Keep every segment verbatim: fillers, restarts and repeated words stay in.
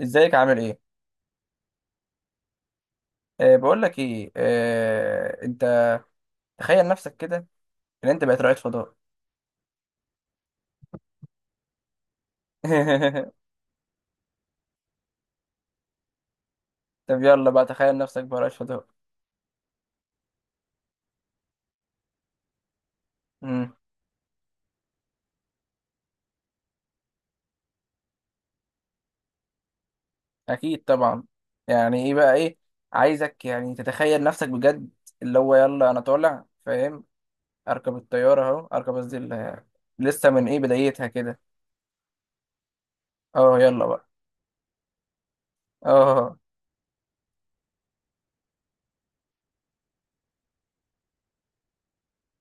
ازيك، عامل ايه؟ أه بقول لك ايه، أه انت تخيل نفسك كده ان انت بقيت رائد فضاء. طب يلا بقى تخيل نفسك بقى رائد فضاء. امم. اكيد طبعا. يعني ايه بقى ايه؟ عايزك يعني تتخيل نفسك بجد، اللي هو يلا انا طالع، فاهم؟ اركب الطياره اهو، اركب قصدي ال- لسه من ايه بدايتها كده. اه يلا بقى. اه.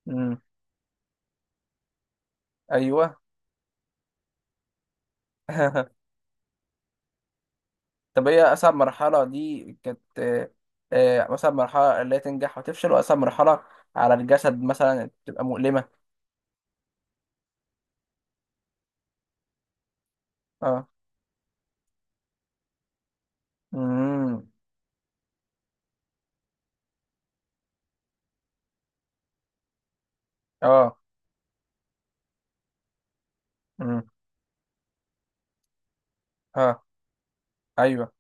امم. ايوه. طب ايه اصعب مرحله دي كانت؟ آه، آه، اصعب مرحله اللي هي تنجح وتفشل، واصعب مرحله على الجسد مثلا بتبقى مؤلمه. اه. امم. اه. امم. اه. ايوه.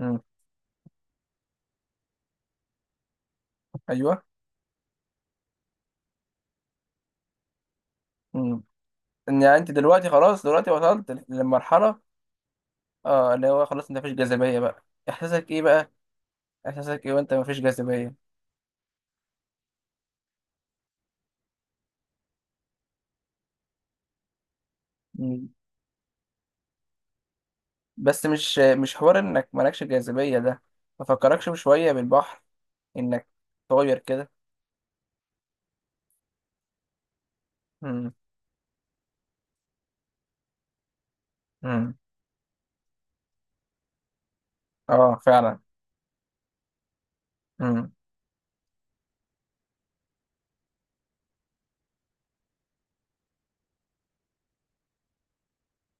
امم. ايوه. امم. ان يعني انت دلوقتي خلاص، دلوقتي وصلت للمرحله. اه اللي هو خلاص، انت مفيش جاذبيه بقى. احساسك ايه بقى؟ احساسك ايه وانت مفيش جاذبيه؟ مم. بس مش مش حوار انك مالكش جاذبيه ده، ما فكركش بشويه بالبحر انك طاير كده؟ امم. امم. اه فعلا. امم.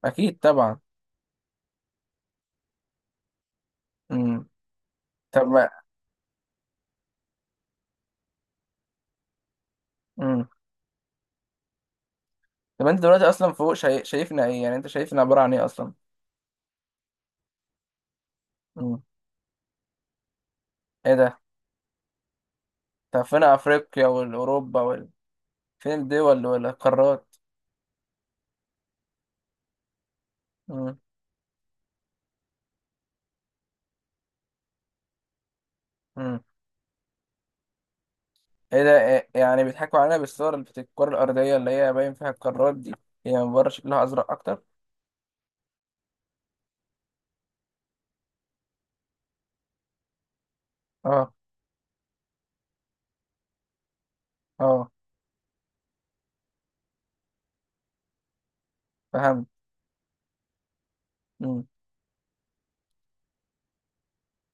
اكيد طبعا. امم. طب ما. امم. طب انت دلوقتي اصلا فوق، شاي... شايفنا ايه؟ يعني انت شايفنا عباره عن ايه اصلا؟ امم. ايه ده. طب فين افريقيا والاوروبا وال... فين الدول والقارات؟ امم. امم. ايه ده، إيه... يعني بيضحكوا علينا بالصور بتاعت الكره الارضيه اللي هي باين فيها القارات دي؟ هي من بره شكلها ازرق اكتر؟ اه. اه. فهمت. امم.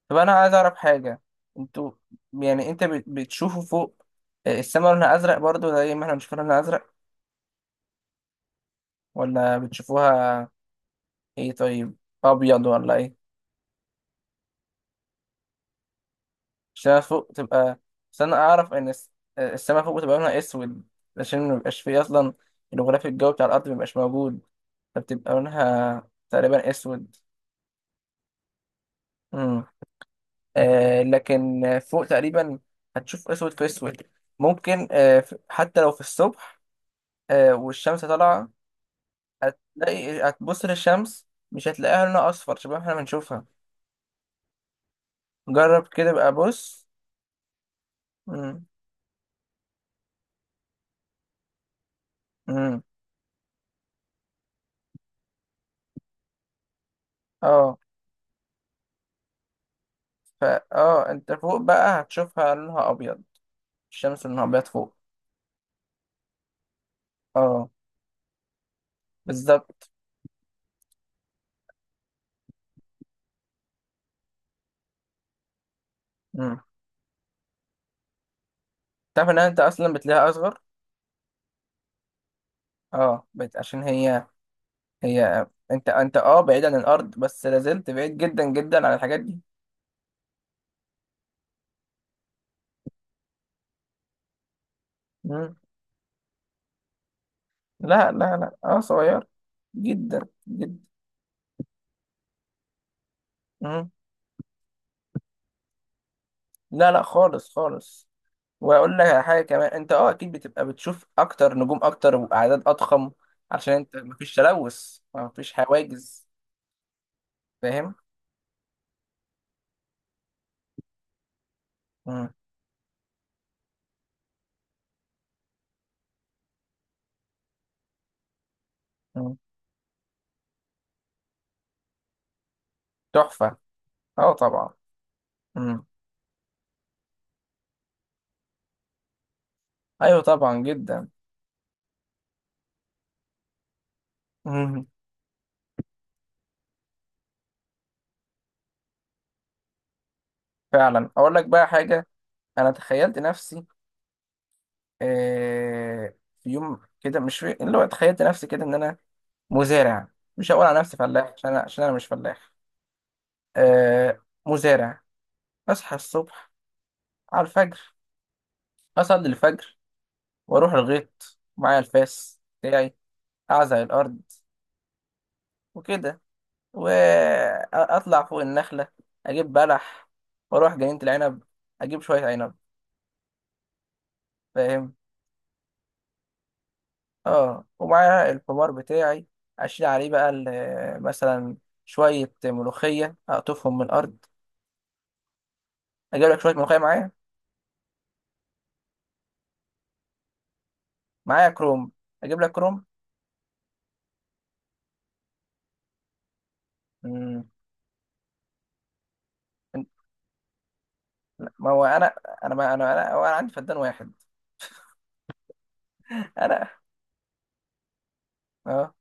طب انا عايز اعرف حاجه. انتوا يعني انت بت... بتشوفوا فوق السماء لونها ازرق برضو زي ما احنا بنشوف لونها ازرق، ولا بتشوفوها ايه؟ طيب، ابيض ولا ايه؟ عشان أنا فوق تبقى، عشان أنا اعرف ان الس- السماء فوق بتبقى لونها اسود، عشان مبيبقاش فيه اصلا الغلاف الجوي بتاع الارض، مبيبقاش موجود، فبتبقى لونها تقريبا اسود. امم. آه لكن فوق تقريبا هتشوف اسود في اسود. ممكن، آه ف- حتى لو في الصبح آه والشمس طالعه، هتلاقي هتبص للشمس، مش هتلاقيها لونها اصفر شبه ما احنا بنشوفها. جرب كده بقى، بص. امم. امم. اه. فا اه انت فوق بقى هتشوفها لونها ابيض، الشمس لونها ابيض فوق. اه بالظبط. مم. تعرف ان انت اصلا بتلاقيها اصغر؟ اه بت... عشان هي هي انت انت اه بعيد عن الارض، بس لازلت بعيد جدا جدا عن الحاجات دي. مم. لا لا لا، اه صغير جدا جدا. مم. لا لا خالص خالص. واقول لك على حاجه كمان، انت اه اكيد بتبقى بتشوف اكتر، نجوم اكتر واعداد اضخم، عشان انت مفيش تلوث، مفيش حواجز. فاهم. مم. مم. تحفه، اه طبعا. مم. ايوه طبعا جدا. مم. فعلا، اقول لك بقى حاجه. انا تخيلت نفسي، آه، في يوم كده، مش في اللي هو، تخيلت نفسي كده ان انا مزارع. مش هقول على نفسي فلاح عشان انا، عشان انا مش فلاح. آه، مزارع. اصحى الصبح على الفجر، اصلي الفجر، واروح الغيط معايا الفاس بتاعي، اعزق الارض وكده، واطلع فوق النخله، اجيب بلح، واروح جنينه العنب، اجيب شويه عنب. فاهم. اه، ومعاها البومار بتاعي، اشيل عليه بقى ال- مثلا شويه ملوخيه، اقطفهم من الارض، اجيب لك شويه ملوخيه معايا، معايا كروم، اجيب لك كروم. مم. لا، ما هو انا انا ما انا انا هو انا عندي فدان واحد. انا. اه.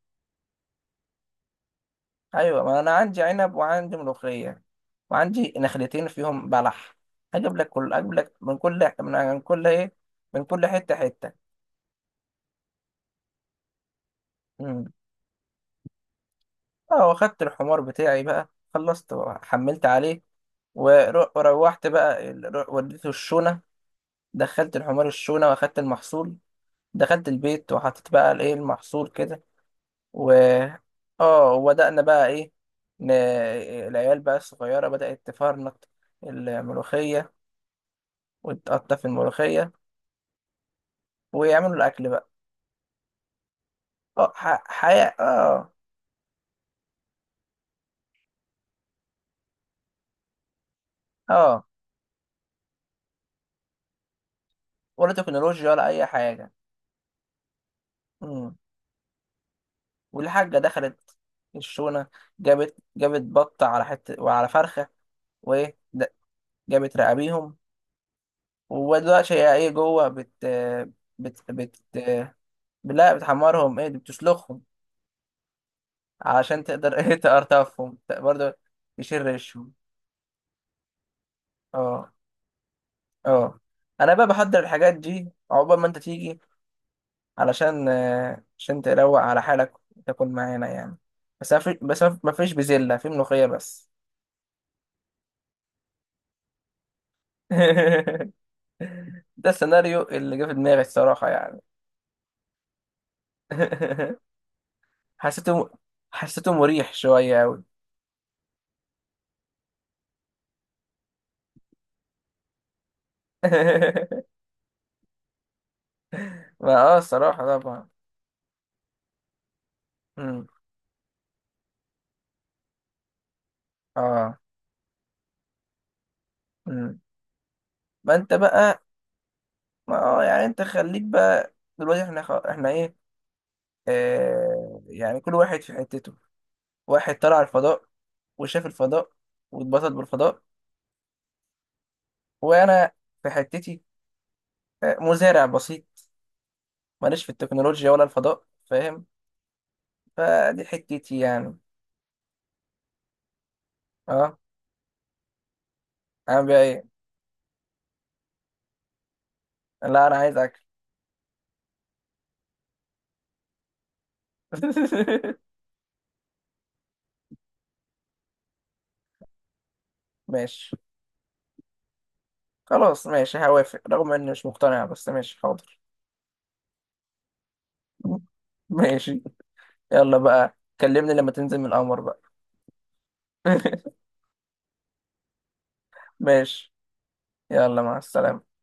ايوه، ما انا عندي عنب وعندي ملوخيه، وعندي نخلتين فيهم بلح. هجيب لك كل اجيب لك من كل، من من كل ايه، من كل حته حته. مم. اه، واخدت الحمار بتاعي بقى، خلصت، حملت عليه، ور- وروحت بقى، ال- رو- وديته الشونة. دخلت الحمار الشونة واخدت المحصول، دخلت البيت وحطيت بقى الايه المحصول كده. و، اه وبدأنا بقى ايه، ن... العيال بقى الصغيرة بدأت تفرنط الملوخية، وتقطف الملوخية، ويعملوا الأكل بقى. اه، ح... حياة اه. اه، ولا تكنولوجيا ولا أي حاجة. مم. والحاجة دخلت الشونة، جابت جابت بطة على حتة وعلى فرخة، وإيه د- جابت رقابيهم، ودلوقتي هي ايه جوه بت بت بت لا بتحمرهم، ايه، دي بتسلخهم، عشان تقدر ايه تقرطفهم، ت- برضه يشيل ريشهم. اه اه. انا بقى بحضر الحاجات دي عقبال ما انت تيجي، علشان آه، عشان تروق على حالك وتاكل معانا يعني. بس ما في بس ما فيش بزلة، في ملوخية بس. ده السيناريو اللي جه في دماغي الصراحة يعني. حسيته حسيته مريح شوية أوي. ما اه الصراحة طبعا. مم. اه. مم. ما انت بقى. ما اه يعني انت خليك بقى دلوقتي، احنا خ... احنا ايه، آه يعني كل واحد في حتته، واحد طلع الفضاء وشاف الفضاء واتبسط بالفضاء، وانا في حتتي، آه، مزارع بسيط، ماليش في التكنولوجيا ولا الفضاء، فاهم؟ فدي حتتي يعني. اه. اعمل بيها ايه؟ لا انا عايز اكل. ماشي. خلاص، ماشي هوافق رغم اني مش مقتنع، بس ماشي حاضر. ماشي. يلا بقى كلمني لما تنزل من القمر بقى. ماشي. يلا مع السلامة.